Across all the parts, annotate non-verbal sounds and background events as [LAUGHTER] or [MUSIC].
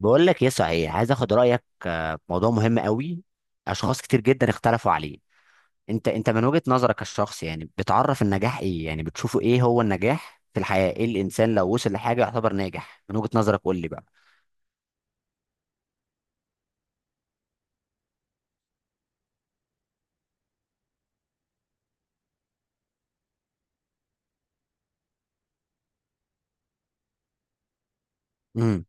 بقول لك ايه صحيح، عايز اخد رايك في موضوع مهم قوي. اشخاص كتير جدا اختلفوا عليه. انت من وجهة نظرك الشخص، يعني بتعرف النجاح ايه، يعني بتشوفه ايه هو النجاح في الحياة؟ ايه الانسان لو وصل لحاجة يعتبر ناجح من وجهة نظرك؟ قول لي بقى. امم.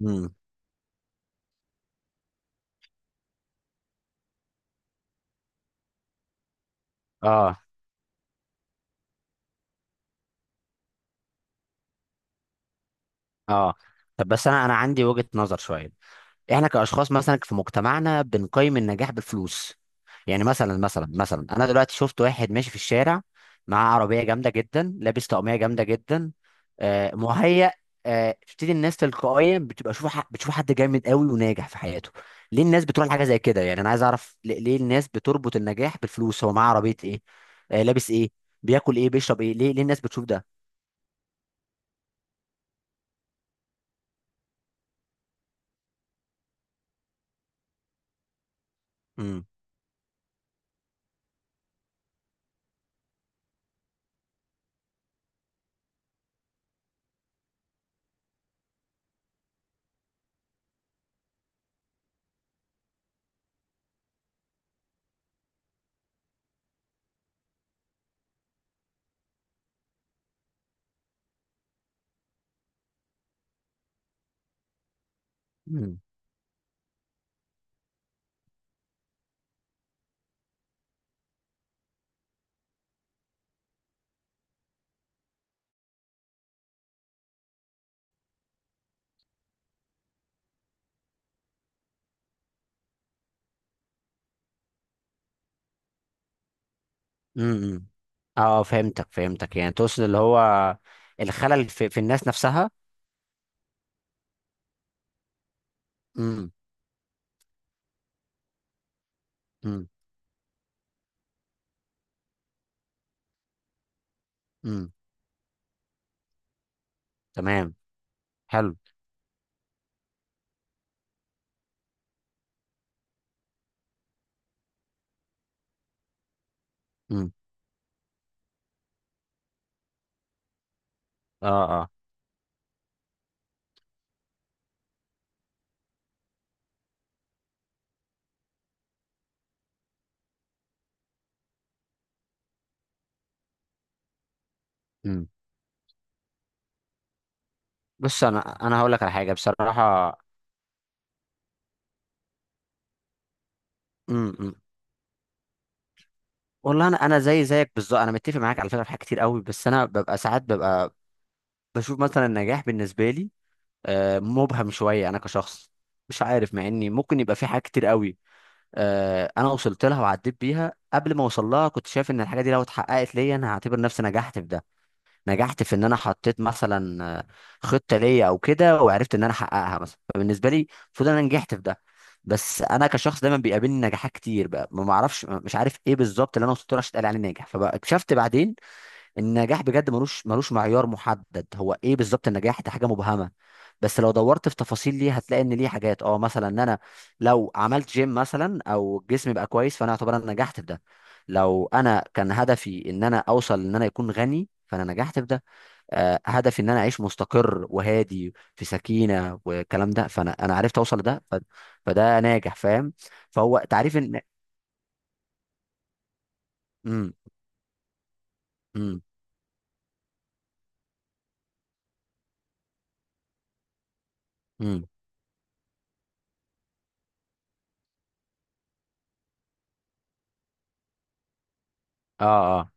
امم. اه. اه. طب بس انا عندي وجهة نظر شوية. احنا كاشخاص مثلا في مجتمعنا بنقيم النجاح بالفلوس. يعني مثلا، انا دلوقتي شفت واحد ماشي في الشارع، معاه عربيه جامده جدا، لابس طقميه جامده جدا. مهيأ. بتبتدي الناس تلقائيا بتبقى بتشوف حد جامد قوي وناجح في حياته. ليه الناس بتروح لحاجه زي كده؟ يعني انا عايز اعرف ليه الناس بتربط النجاح بالفلوس. هو معاه عربيه ايه؟ لابس ايه؟ بياكل ايه؟ بيشرب ايه؟ ليه الناس بتشوف ده؟ امم. امم. اه، فهمتك. يعني تقصد اللي هو الخلل في الناس نفسها. امم. امم. امم. تمام. حلو. امم. اه. اه. امم. بص انا هقول لك على حاجه بصراحه. امم. والله انا زي زيك بالظبط، انا متفق معاك على فكره في حاجات كتير قوي، بس انا ببقى ساعات ببقى بشوف مثلا النجاح بالنسبه لي مبهم شويه. انا كشخص مش عارف، مع اني ممكن يبقى في حاجات كتير قوي انا وصلت لها وعديت بيها. قبل ما اوصل لها كنت شايف ان الحاجه دي لو اتحققت ليا، انا هعتبر نفسي نجحت في ده، نجحت في ان انا حطيت مثلا خطه ليا او كده، وعرفت ان انا احققها مثلا، فبالنسبه لي المفروض إن انا نجحت في ده. بس انا كشخص دايما بيقابلني نجاحات كتير بقى، ما اعرفش، مش عارف ايه بالظبط اللي انا وصلت له عشان اتقال عليه ناجح. فاكتشفت بعدين النجاح بجد ملوش معيار محدد. هو ايه بالظبط النجاح ده؟ حاجه مبهمه. بس لو دورت في تفاصيل ليه، هتلاقي ان ليه حاجات. اه، مثلا ان انا لو عملت جيم مثلا او جسمي بقى كويس، فانا اعتبر انا نجحت في ده. لو انا كان هدفي ان انا اوصل ان انا يكون غني، فانا نجحت في ده. هدفي ان انا اعيش مستقر وهادي في سكينه والكلام ده، فانا عرفت اوصل لده. فده ناجح، فاهم؟ فهو تعريف ان. امم. امم. امم. اه. اه.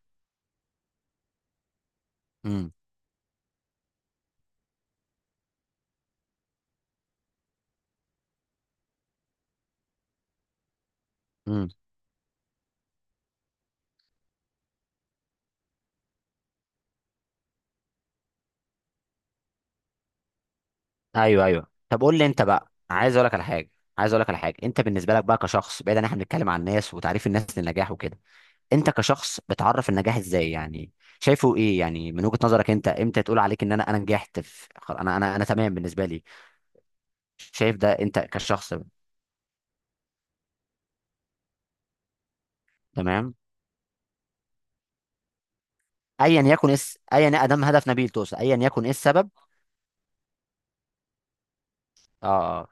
امم. إمم. ايوه ايوه، طب قول لي انت بقى. عايز اقول لك على حاجه. عايز اقول لك على حاجه. انت بالنسبه لك بقى كشخص، بعيد ان احنا بنتكلم عن الناس وتعريف الناس للنجاح وكده، انت كشخص بتعرف النجاح ازاي يعني؟ شايفه ايه يعني من وجهة نظرك؟ انت امتى تقول عليك ان انا نجحت في انا تمام بالنسبه لي، شايف ده انت كشخص؟ تمام. ايا يكن اس ايا ادم هدف نبيل توصل، ايا يكن ايه السبب. اه. اه.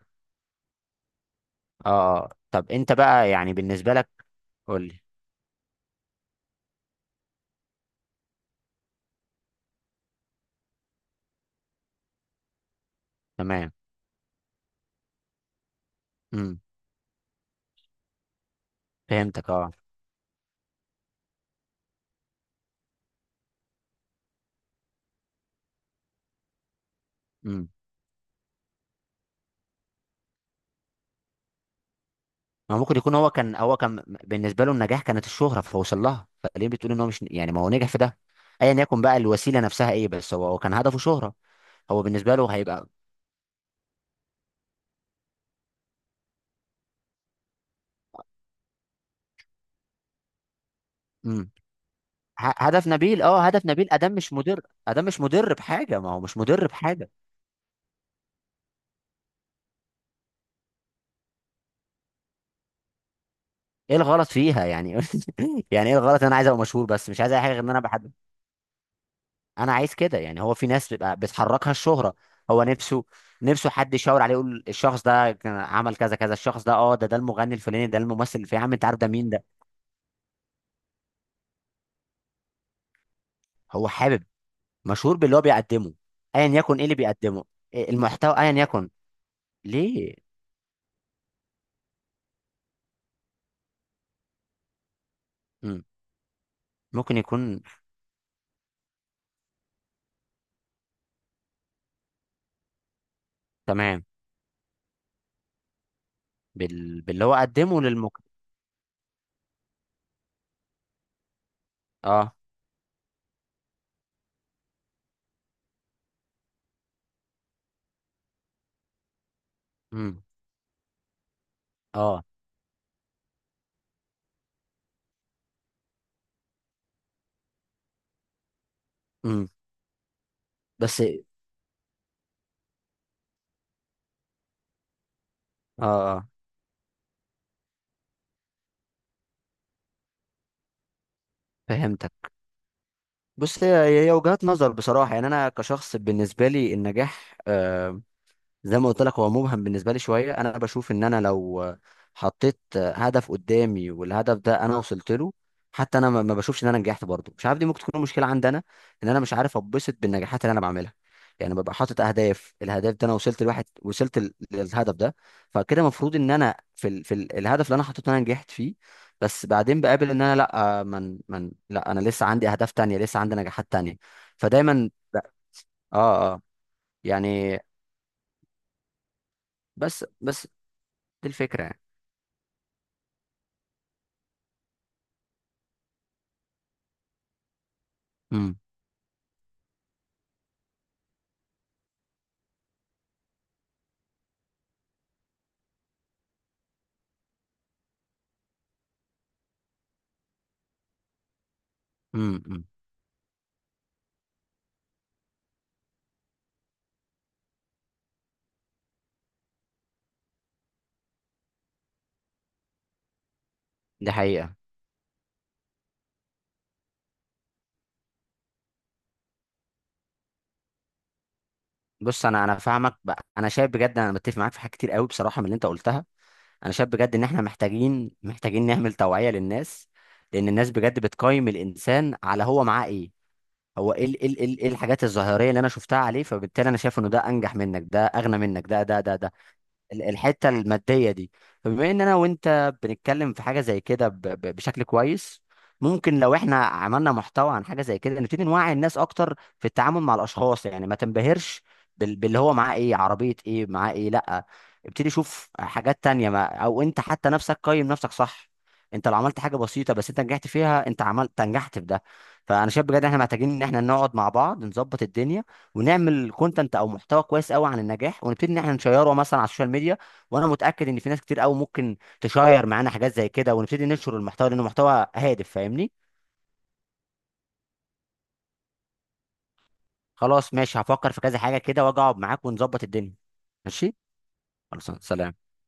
اه. طب انت بقى يعني بالنسبه لك. قول لي. تمام. امم. فهمتك. اه. امم. ما ممكن يكون هو كان، هو كان بالنسبه له النجاح كانت الشهره فوصل لها. فليه بتقول ان هو مش، يعني ما هو نجح في ده؟ ايا يكن بقى الوسيله نفسها ايه، بس هو كان هدفه شهره. هو بالنسبه له هيبقى. امم. هدف نبيل، اه هدف نبيل. ادم مش مدر. ادم مش مدر بحاجه ما هو مش مدر بحاجه. ايه الغلط فيها يعني؟ [LAUGHS] يعني ايه الغلط إن انا عايز ابقى مشهور، بس مش عايز اي حاجه غير ان انا بحد؟ انا عايز كده، يعني هو في ناس بتبقى بتحركها الشهره. هو نفسه. نفسه حد يشاور عليه يقول الشخص ده كان عمل كذا كذا، الشخص ده اه ده المغني الفلاني، ده الممثل الفلاني، يا عم انت عارف ده مين. هو حابب. مشهور باللي هو بيقدمه. ايا يكن ايه اللي بيقدمه. إيه المحتوى ايا يكن. ليه. مم. ممكن يكون. تمام. باللي هو قدمه للمك. اه. مم. اه. مم. بس اه. اه. فهمتك. بص هي، هي وجهات نظر بصراحة. يعني أنا كشخص بالنسبة لي النجاح، زي ما قلت لك، هو مبهم بالنسبه لي شويه. انا بشوف ان انا لو حطيت هدف قدامي والهدف ده انا وصلت له، حتى انا ما بشوفش ان انا نجحت برضه. مش عارف، دي ممكن تكون مشكله عندي انا، ان انا مش عارف اتبسط بالنجاحات اللي انا بعملها. يعني ببقى حاطط اهداف، الهدف ده انا وصلت لواحد، وصلت للهدف ده. فكده المفروض ان انا في في الهدف اللي انا حطيته انا نجحت فيه. بس بعدين بقابل ان انا لا، من لا، انا لسه عندي اهداف تانية، لسه عندي نجاحات تانية. فدايما. اه. اه. يعني. بس دي الفكرة يعني. امم. امم. دي حقيقة. بص انا فاهمك بقى. انا شايف بجد انا متفق معاك في حاجات كتير قوي بصراحة من اللي انت قلتها. انا شايف بجد ان احنا محتاجين نعمل توعية للناس، لان الناس بجد بتقيم الانسان على هو معاه ايه. هو ايه ايه ايه إيه الحاجات الظاهرية اللي انا شفتها عليه، فبالتالي انا شايف انه ده انجح منك، ده اغنى منك، ده الحته الماديه دي. فبما ان انا وانت بنتكلم في حاجه زي كده بشكل كويس، ممكن لو احنا عملنا محتوى عن حاجه زي كده نبتدي نوعي الناس اكتر في التعامل مع الاشخاص. يعني ما تنبهرش باللي هو معاه ايه، عربيه ايه، معاه ايه، لا. ابتدي شوف حاجات تانية. ما او انت حتى نفسك قيم نفسك صح. انت لو عملت حاجه بسيطه بس انت نجحت فيها، انت عملت، نجحت في ده. فانا شايف بجد احنا محتاجين ان احنا نقعد مع بعض نظبط الدنيا، ونعمل كونتنت او محتوى كويس قوي عن النجاح، ونبتدي ان احنا نشيره مثلا على السوشيال ميديا. وانا متاكد ان في ناس كتير قوي ممكن تشير معانا حاجات زي كده، ونبتدي ننشر المحتوى، لانه محتوى هادف، فاهمني؟ خلاص ماشي، هفكر في كذا حاجه كده واجي اقعد معاك ونظبط الدنيا. ماشي. خلاص سلام.